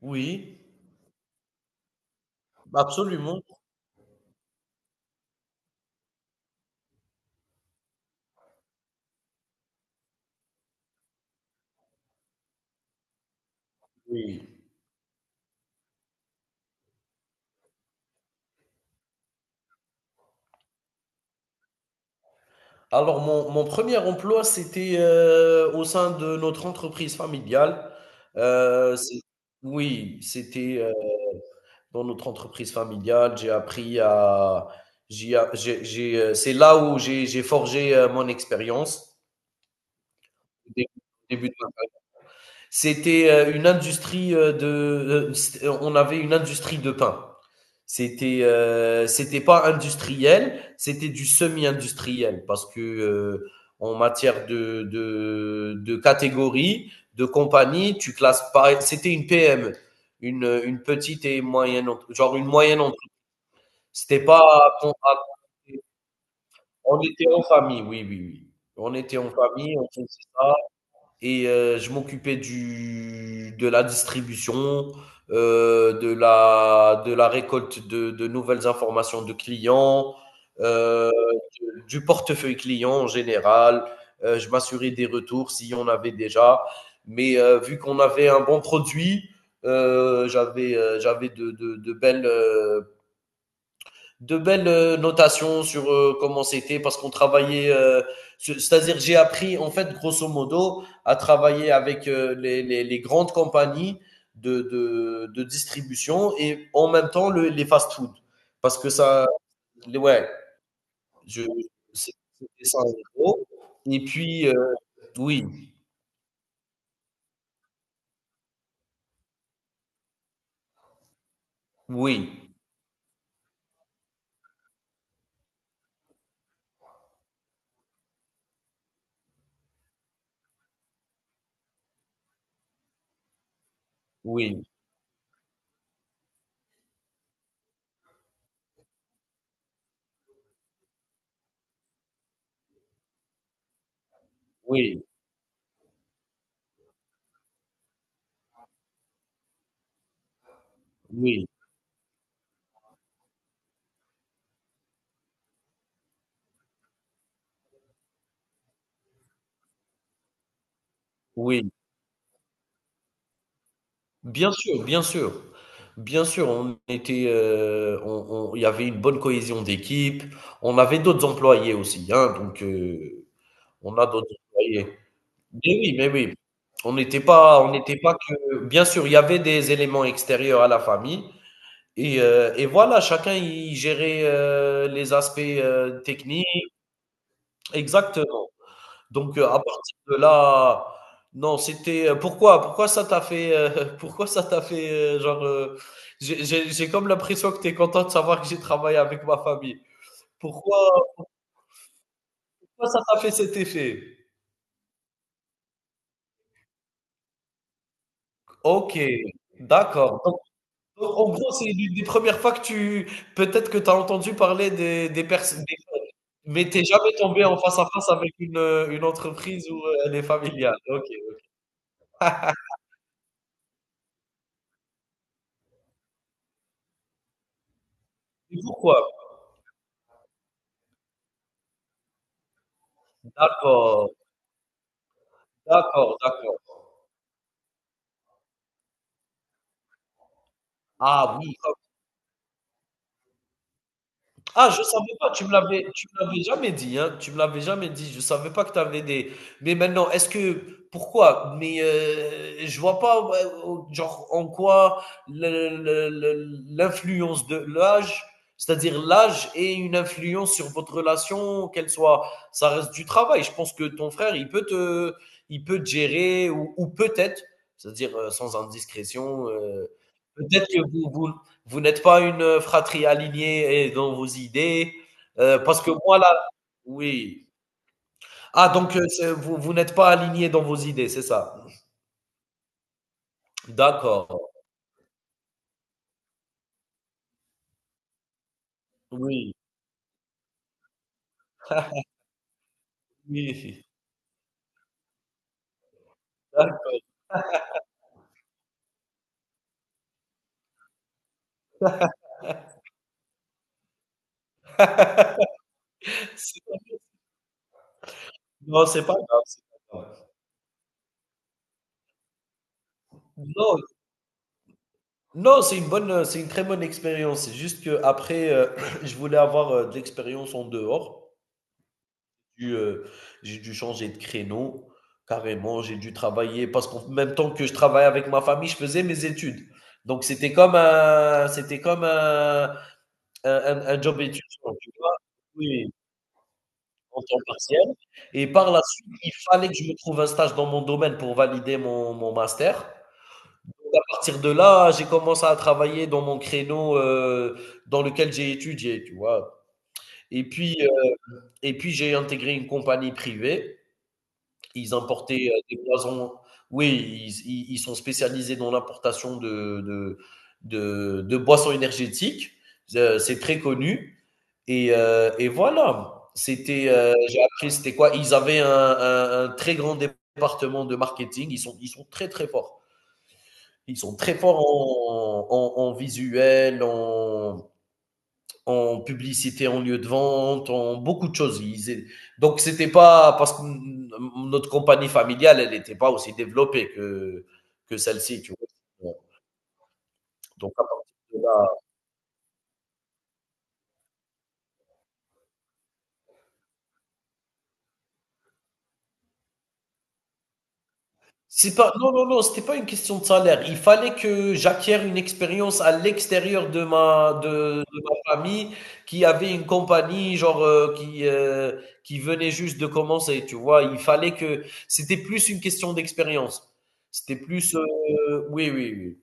Oui, absolument, oui. Alors mon premier emploi, c'était, au sein de notre entreprise familiale. C'est oui, c'était, dans notre entreprise familiale, j'ai appris à j'ai a j'ai j'ai, c'est là où j'ai forgé, mon expérience. Au Dé début de C'était une industrie de. On avait une industrie de pain. C'était c'était pas industriel, c'était du semi-industriel parce que en matière de catégorie, de compagnie, tu classes pas. C'était une PME, une petite et moyenne, genre une moyenne. C'était pas. On était en famille, oui, oui, oui. On était en famille, on faisait ça et je m'occupais du de la distribution, de la récolte de nouvelles informations de clients, euh, du portefeuille client en général. Je m'assurais des retours s'il y en avait déjà. Mais vu qu'on avait un bon produit, j'avais de belles notations sur comment c'était parce qu'on travaillait. C'est-à-dire, j'ai appris, en fait, grosso modo, à travailler avec les grandes compagnies de distribution et en même temps les fast-food. Parce que ça, ouais, je, c'est- c'était ça en gros. Et puis, oui, oui, oui, oui, oui, oui. Bien sûr, bien sûr. Bien sûr, on était, il y avait une bonne cohésion d'équipe. On avait d'autres employés aussi, hein, donc on a d'autres employés. Mais oui, mais oui. On n'était pas que. Bien sûr, il y avait des éléments extérieurs à la famille. Et voilà, chacun y gérait les aspects techniques. Exactement. Donc, à partir de là, non, c'était pourquoi ça t'a fait, pourquoi ça t'a fait, j'ai comme l'impression que tu es content de savoir que j'ai travaillé avec ma famille. Pourquoi, pourquoi ça t'a fait cet effet? Ok, d'accord. Donc, en gros, c'est l'une des premières fois que tu, peut-être que tu as entendu parler des personnes, mais t'es jamais tombé en face à face avec une entreprise où elle est familiale. Ok. Et pourquoi? D'accord, d'accord, d'accord. Ah oui, ah, je savais pas, tu me l'avais jamais dit, hein, tu me l'avais jamais dit. Je savais pas que tu avais des mais maintenant, est-ce que pourquoi? Mais, je vois pas, ouais, au genre, en quoi le l'influence de l'âge, c'est-à-dire l'âge ait une influence sur votre relation, qu'elle soit ça reste du travail. Je pense que ton frère, il peut te gérer ou peut-être, c'est-à-dire, sans indiscrétion, peut-être que vous vous n'êtes pas une fratrie alignée et dans vos idées. Parce que moi, là, oui. Ah, donc vous, vous n'êtes pas aligné dans vos idées, c'est ça. D'accord. Oui. Oui. D'accord. C'est- Non, c'est pas grave. C'est pas grave. Non, non, c'est une bonne, c'est une très bonne expérience. C'est juste que après, je voulais avoir de l'expérience en dehors. dû, heu, j'ai dû changer de créneau, carrément. J'ai dû travailler parce qu'en même temps que je travaillais avec ma famille, je faisais mes études. Donc c'était comme un un un job étudiant, tu vois? Oui, en temps partiel et par la suite, il fallait que je me trouve un stage dans mon domaine pour valider mon master. Donc à partir de là, j'ai commencé à travailler dans mon créneau, dans lequel j'ai étudié, tu vois? Et puis, heu et puis j'ai intégré une compagnie privée. Ils importaient des poisons. Oui, ils sont spécialisés dans l'importation de boissons énergétiques. C'est très connu. Et voilà. C'était, j'ai appris, c'était quoi? Ils avaient un très grand département de marketing. Ils sont très, très forts. Ils sont très forts en, en, en visuel, en, en publicité, en lieu de vente, en beaucoup de choses. Donc, c'était pas parce que notre compagnie familiale, elle n'était pas aussi développée que celle-ci, tu vois. Donc, à partir de là, c'est pas, non, non, non, c'était pas une question de salaire. Il fallait que j'acquière une expérience à l'extérieur de ma famille qui avait une compagnie, genre, qui venait juste de commencer, tu vois. Il fallait que, c'était plus une question d'expérience. C'était plus, oui, oui, oui.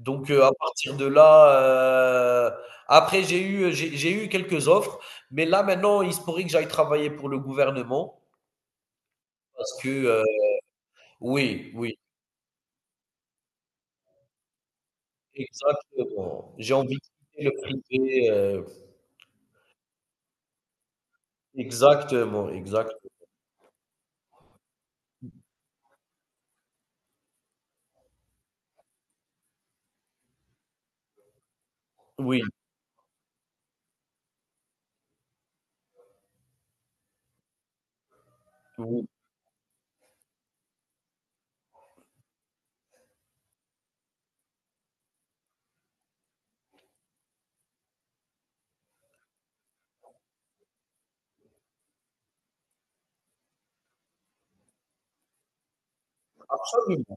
Donc, à partir de là, après j'ai eu quelques offres, mais là maintenant, il se pourrait que j'aille travailler pour le gouvernement parce que, oui, oui, exactement. J'ai envie de quitter le privé, exactement, exactement. Oui, oui, absolument,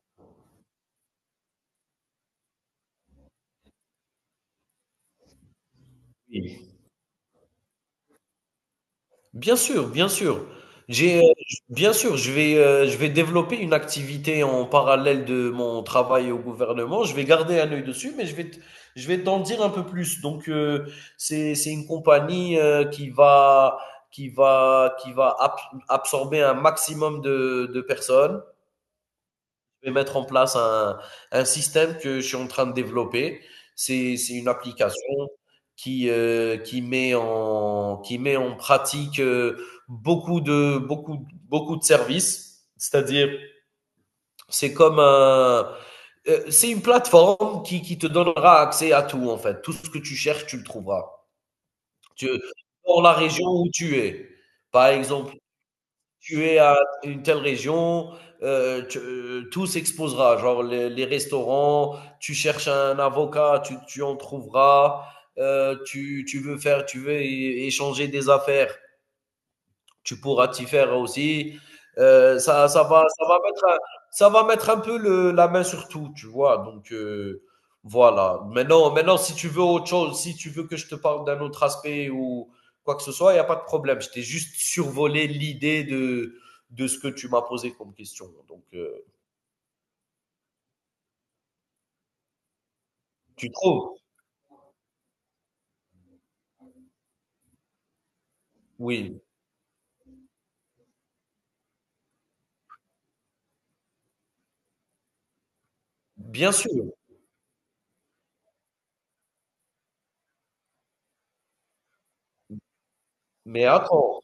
oui. Bien sûr, bien sûr. J'ai, j bien sûr, je vais développer une activité en parallèle de mon travail au gouvernement. Je vais garder un œil dessus, je vais t'en dire un peu plus. Donc, c'est une compagnie, qui va ab absorber un maximum de personnes, vais mettre en place un système que je suis en train de développer. C'est une application qui, qui met en pratique beaucoup, de, beaucoup, beaucoup de services. C'est-à-dire, c'est comme un, c'est une plateforme qui te donnera accès à tout, en fait. Tout ce que tu cherches, tu le trouveras. Tu, dans la région où tu es. Par exemple, tu es à une telle région, tu tout s'exposera, genre les restaurants, tu cherches un avocat, tu en trouveras, tu veux é échanger des affaires, tu pourras t'y faire aussi. Ça va mettre, ça va mettre un peu la main sur tout, tu vois. Donc voilà. Maintenant, maintenant, si tu veux autre chose, si tu veux que je te parle d'un autre aspect ou quoi que ce soit, il n'y a pas de problème. Je t'ai juste survolé l'idée de ce que tu m'as posé comme question. Donc tu trouves? Oui, bien sûr. Mais attends,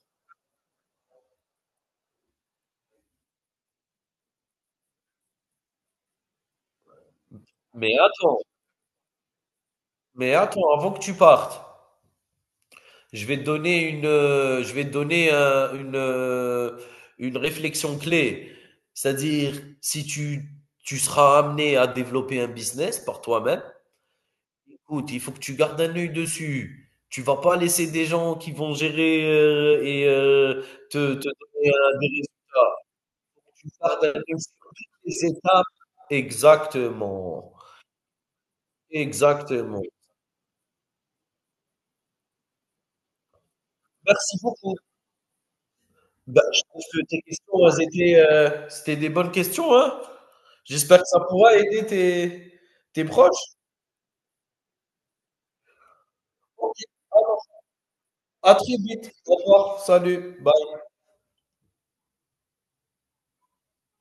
mais attends, mais attends, avant que tu partes. Je vais te donner une réflexion clé. C'est-à-dire, si tu, tu seras amené à développer un business par toi-même, écoute, il faut que tu gardes un œil dessus. Tu vas pas laisser des gens qui vont gérer te, te donner des résultats. Tu gardes un œil sur toutes les étapes. Exactement. Exactement. Merci beaucoup. Bah, je trouve que tes questions, elles étaient, c'était des bonnes questions, hein? J'espère que ça pourra aider tes, tes proches. Ok. Alors, à très vite. Au revoir. Salut. Bye.